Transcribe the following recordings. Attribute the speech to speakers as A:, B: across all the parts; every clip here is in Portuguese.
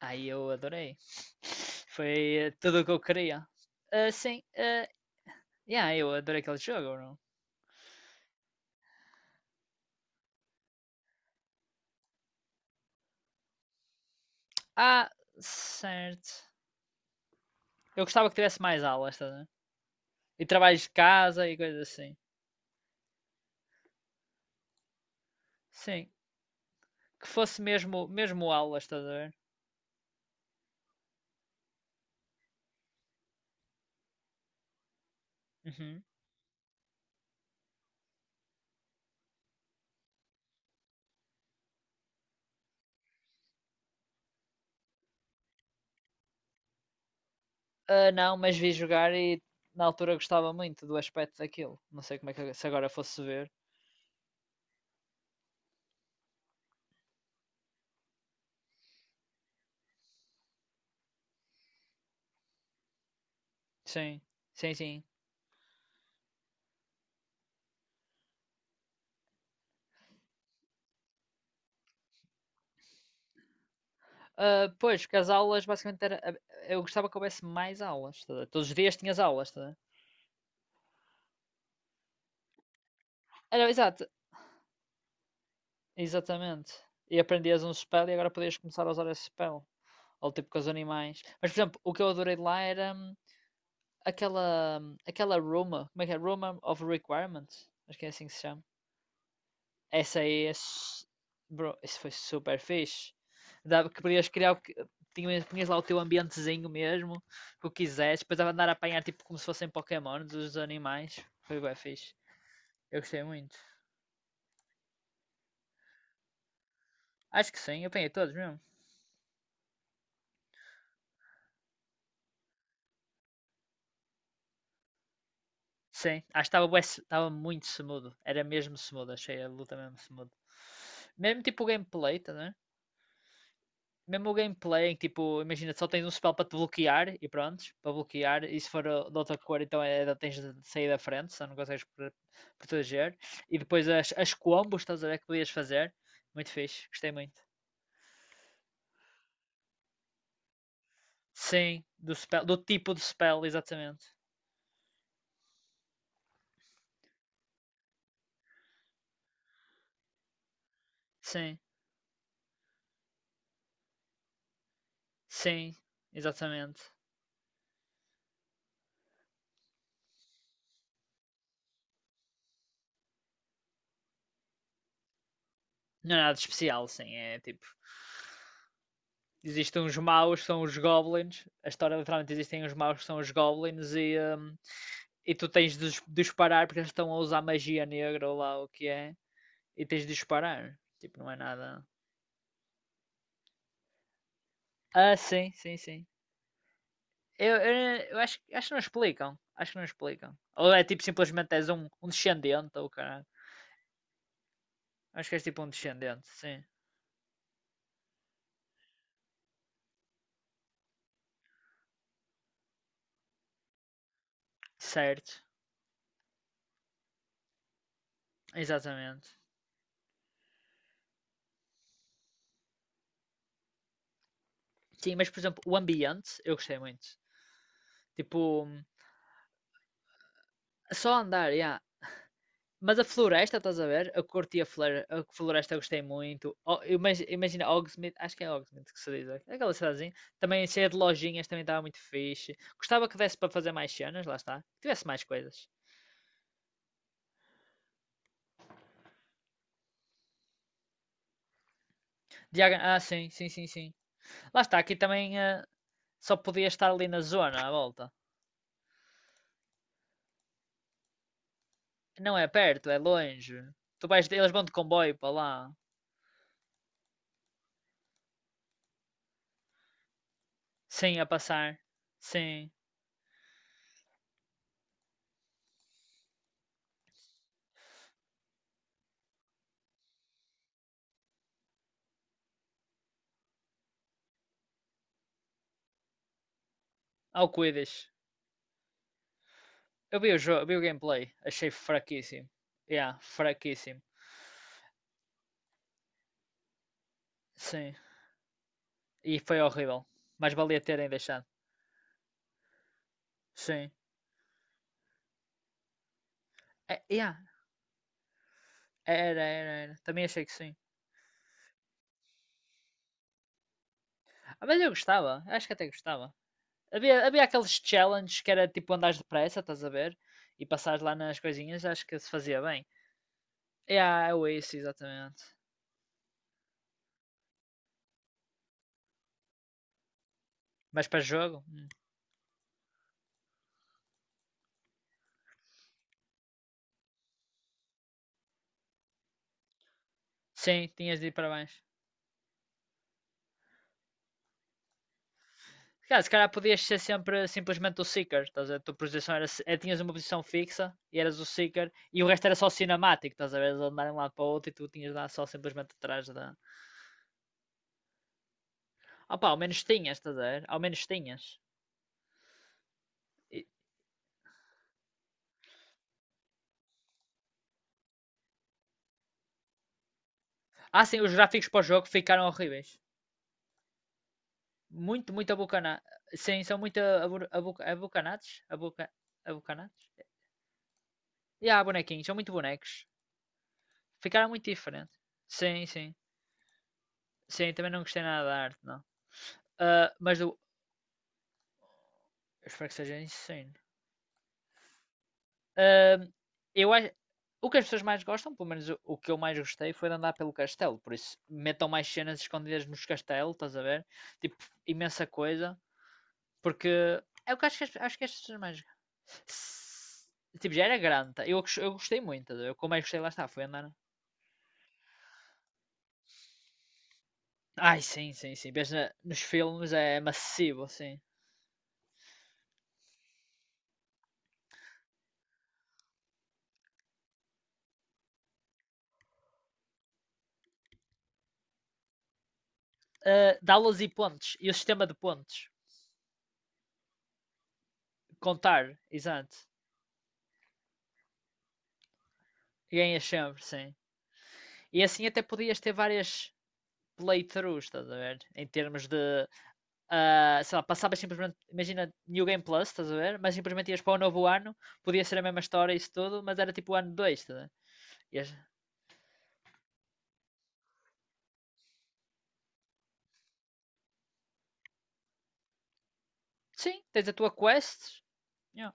A: Aí eu adorei. Foi tudo o que eu queria. Ah, sim, yeah, eu adorei aquele jogo, não? Ah, certo. Eu gostava que tivesse mais aulas, estás a ver? E trabalhos de casa e coisas assim. Sim, que fosse mesmo, mesmo aulas, estás a ver? Uhum. Ah, não, mas vi jogar e na altura gostava muito do aspecto daquilo. Não sei como é que se agora fosse ver. Sim, sim, sim. Ah, pois, porque as aulas basicamente era. Eu gostava que houvesse mais aulas, estás a ver? Todos os dias tinhas aulas, estás a ver? Era exato, exatamente. E aprendias um spell e agora podias começar a usar esse spell. Ou tipo com os animais. Mas, por exemplo, o que eu adorei de lá era aquela Roma. Como é que é? Roma of Requirements. Acho que é assim que se chama. Essa aí é. Bro, isso foi super fixe. Dava que podias criar que. Tinhas lá o teu ambientezinho mesmo, o que o quisesse. Depois dava de andar a apanhar tipo como se fossem Pokémon dos animais. Foi bem fixe. Eu gostei muito. Acho que sim, eu apanhei todos mesmo. Sim, acho que estava bué estava muito smooth. Era mesmo smooth, achei a luta mesmo smooth. Mesmo tipo o gameplay, tá, né? Mesmo o gameplay, em que, tipo, imagina, só tens um spell para te bloquear e pronto, para bloquear, e se for de outra cor, então é, tens de sair da frente, senão não consegues proteger. E depois as combos, estás a ver, que podias fazer. Muito fixe, gostei muito. Sim, do spell, do tipo de spell, exatamente. Sim, sim, exatamente. Não é nada de especial, sim, é tipo. Existem uns maus, que são os goblins. A história literalmente existem uns maus, que são os goblins, e tu tens de disparar porque eles estão a usar magia negra ou lá o que é, e tens de disparar. Tipo, não é nada. Ah, sim, sim, sim. Eu, eu, eu acho, que não explicam. Acho que não explicam. Ou é tipo simplesmente és um descendente ou caralho. Acho que és tipo um descendente, sim. Certo, exatamente. Sim, mas por exemplo, o ambiente eu gostei muito. Tipo, só andar, yeah. Mas a floresta, estás a ver? Eu curti a floresta, eu gostei muito. Imagina Hogsmeade, acho que é Hogsmeade que se diz, é? Aquela cidadezinha. Também cheia de lojinhas, também estava muito fixe. Gostava que desse para fazer mais cenas, lá está. Que tivesse mais coisas. Sim, sim, sim, sim. Lá está, aqui também só podia estar ali na zona, à volta. Não é perto, é longe. Tu vais, eles vão de comboio para lá. Sim, a passar. Sim. Ao cuides. Eu vi o jogo, vi o gameplay. Achei fraquíssimo. Yeah, fraquíssimo. Sim. E foi horrível. Mas valia terem deixado. Sim. É, yeah. Era, era, era. Também achei que sim. Ah, mas eu gostava. Acho que até gostava. Havia aqueles challenges que era tipo andares depressa, estás a ver? E passares lá nas coisinhas, acho que se fazia bem. É, yeah, é o isso, exatamente. Mas para jogo? Hum. Sim, tinhas de ir para baixo. Cara, se calhar podias ser sempre simplesmente o Seeker, estás a ver? A tua posição era. É, tinhas uma posição fixa e eras o Seeker e o resto era só cinemático, estás a ver? Eles andarem de um lado para o outro e tu tinhas de andar só simplesmente atrás da. Ah pá, ao menos tinhas, estás a ver? Ao menos tinhas. E- Ah, sim, os gráficos para o jogo ficaram horríveis. Muito, muito abocanado. Sim, são muito abocanados. Abocanados? E há bonequinhos, são muito bonecos. Ficaram muito diferentes. Sim, sim. Sim, também não gostei nada da arte, não. Ah, mas do. Eu espero que seja insano. Ahm, eu acho, o que as pessoas mais gostam, pelo menos o que eu mais gostei, foi de andar pelo castelo. Por isso, metam mais cenas escondidas nos castelos, estás a ver? Tipo, imensa coisa. Porque é o que acho que, acho que as pessoas mais. Tipo, já era grande. Tá? Eu gostei muito. Eu como ver? Que mais gostei lá está, foi andar. Ai, sim, sim, sim. Vês nos filmes é massivo, assim. Ah, dá-los e pontos. E o sistema de pontos. Contar, exato. Ganhas sempre, sim. E assim até podias ter várias playthroughs, estás a ver? Em termos de, sei lá, passavas simplesmente, imagina New Game Plus, estás a ver? Mas simplesmente ias para o novo ano, podia ser a mesma história e isso tudo, mas era tipo o ano 2, estás a ver? Ias- Sim, tens a tua quest. Yeah.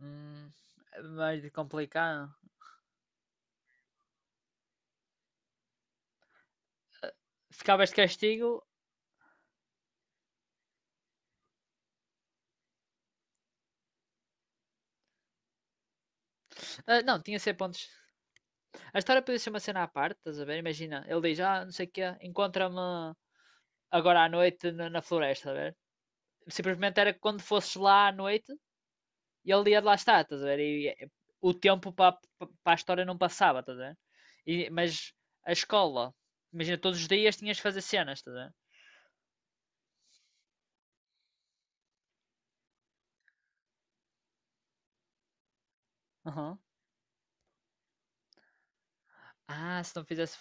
A: Hum, mais de complicado. Ficavas de castigo. Ah, não, tinha 100 pontos. A história podia ser uma cena à parte, estás a ver? Imagina, ele diz, não sei o quê, encontra-me agora à noite na floresta, estás a ver? Simplesmente era que quando fosses lá à noite, e ele ia de lá estar, estás a ver? E o tempo para a história não passava, estás a ver? Mas a escola, imagina, todos os dias tinhas de fazer cenas, estás a ver? Aham. Ah, se não fizesse.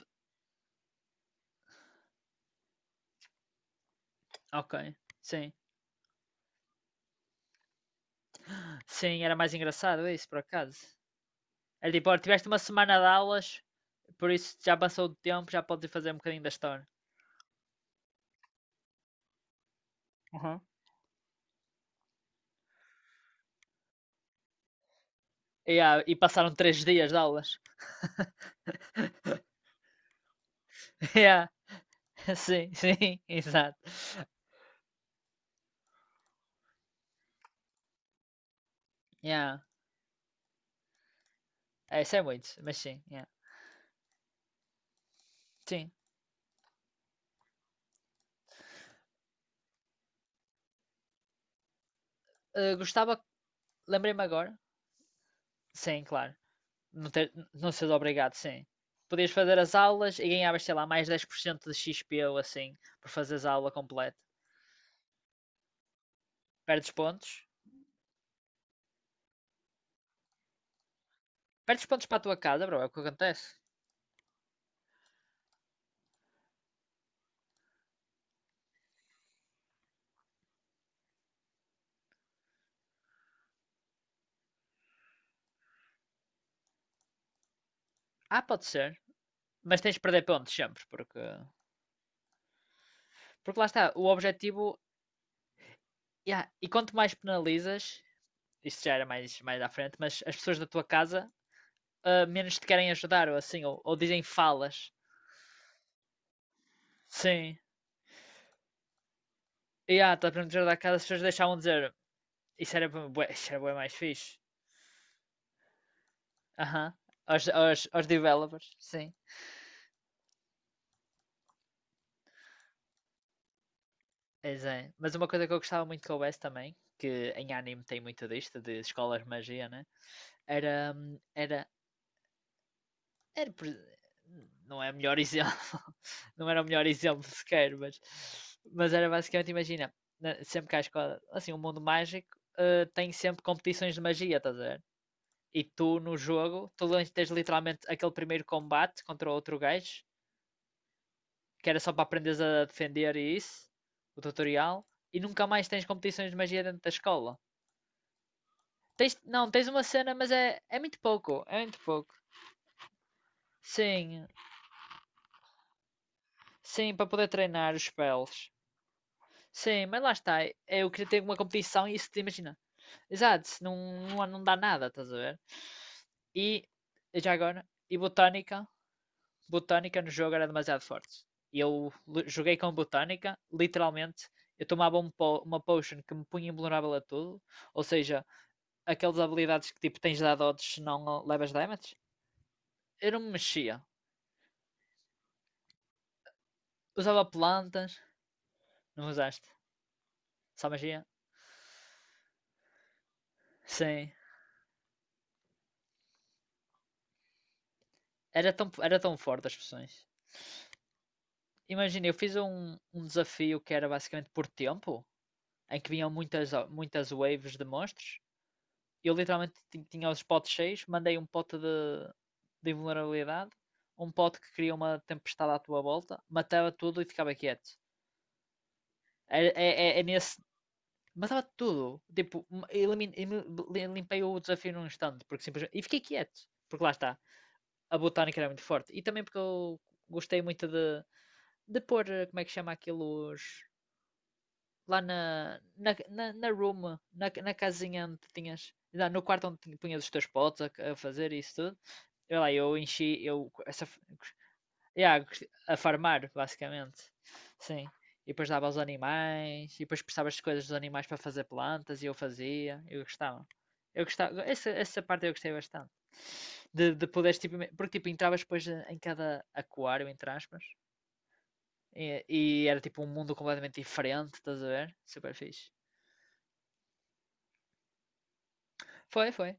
A: Ok, sim. Sim, era mais engraçado isso, por acaso. É tipo, olha, tiveste uma semana de aulas, por isso já passou o tempo, já podes ir fazer um bocadinho da história. Uhum. Yeah, e passaram 3 dias de aulas. Yeah, sim, sim, exato. Yeah. É, isso é muito, mas sim, yeah. Sim. Gostava, lembrei-me agora, Sim, claro. Não, ter, não seres obrigado, sim. Podias fazer as aulas e ganhavas, sei lá, mais 10% de XP ou assim, por fazeres a aula completa. Perdes pontos. Perdes pontos para a tua casa, bro, é o que acontece. Ah, pode ser. Mas tens de perder pontos sempre, porque... Porque lá está, o objetivo... Yeah, e quanto mais penalizas, isto já era mais, mais à frente, mas as pessoas da tua casa menos te querem ajudar, ou assim, ou dizem falas. Sim. E estás a proteger da casa, as pessoas deixavam de dizer isso era bué mais fixe. Aham. Aos developers, sim. Pois é. Mas uma coisa que eu gostava muito que houvesse também, que em anime tem muito disto, de escolas de magia, né? Era, hum, era, era, não é o melhor exemplo, não era o melhor exemplo sequer, mas era basicamente, imagina, sempre que há escola, assim, o mundo mágico tem sempre competições de magia, estás a ver? E tu no jogo, tens literalmente aquele primeiro combate contra outro gajo que era só para aprenderes a defender e isso, o tutorial, e nunca mais tens competições de magia dentro da escola. Tens, não, tens uma cena, mas é muito pouco, é muito pouco. Sim, sim, para poder treinar os spells. Sim, mas lá está, eu queria ter uma competição e isso, te imagina. Exato, não, não, não dá nada, estás a ver? E, já agora, e botânica, botânica no jogo era demasiado forte. Eu joguei com botânica, literalmente, eu tomava um po uma potion que me punha invulnerável a tudo, ou seja, aquelas habilidades que tipo tens dado odds se não levas damage. Eu não me mexia. Usava plantas, não usaste? Só magia? Sim. Era tão forte as poções. Imagina, eu fiz um desafio que era basicamente por tempo, em que vinham muitas, muitas waves de monstros, eu literalmente tinha os potes cheios, mandei um pote de invulnerabilidade, um pote que cria uma tempestade à tua volta, matava tudo e ficava quieto. É, é, é, é nesse. Matava tudo. Tipo, limpei o desafio num instante, porque simplesmente. E fiquei quieto, porque lá está. A botânica era muito forte. E também porque eu gostei muito de pôr, como é que chama aquilo, os, lá na room, na casinha onde tinhas, lá no quarto onde punhas os teus potes a fazer isso tudo. Eu lá, eu enchi, eu, essa, yeah, a farmar, basicamente. Sim. E depois dava aos animais, e depois precisavas de coisas dos animais para fazer plantas, e eu fazia, eu gostava. Eu gostava, essa parte eu gostei bastante. De poderes, tipo, porque tipo, entravas depois em cada aquário, entre aspas, e era tipo um mundo completamente diferente, estás a ver? Super fixe. Foi, foi.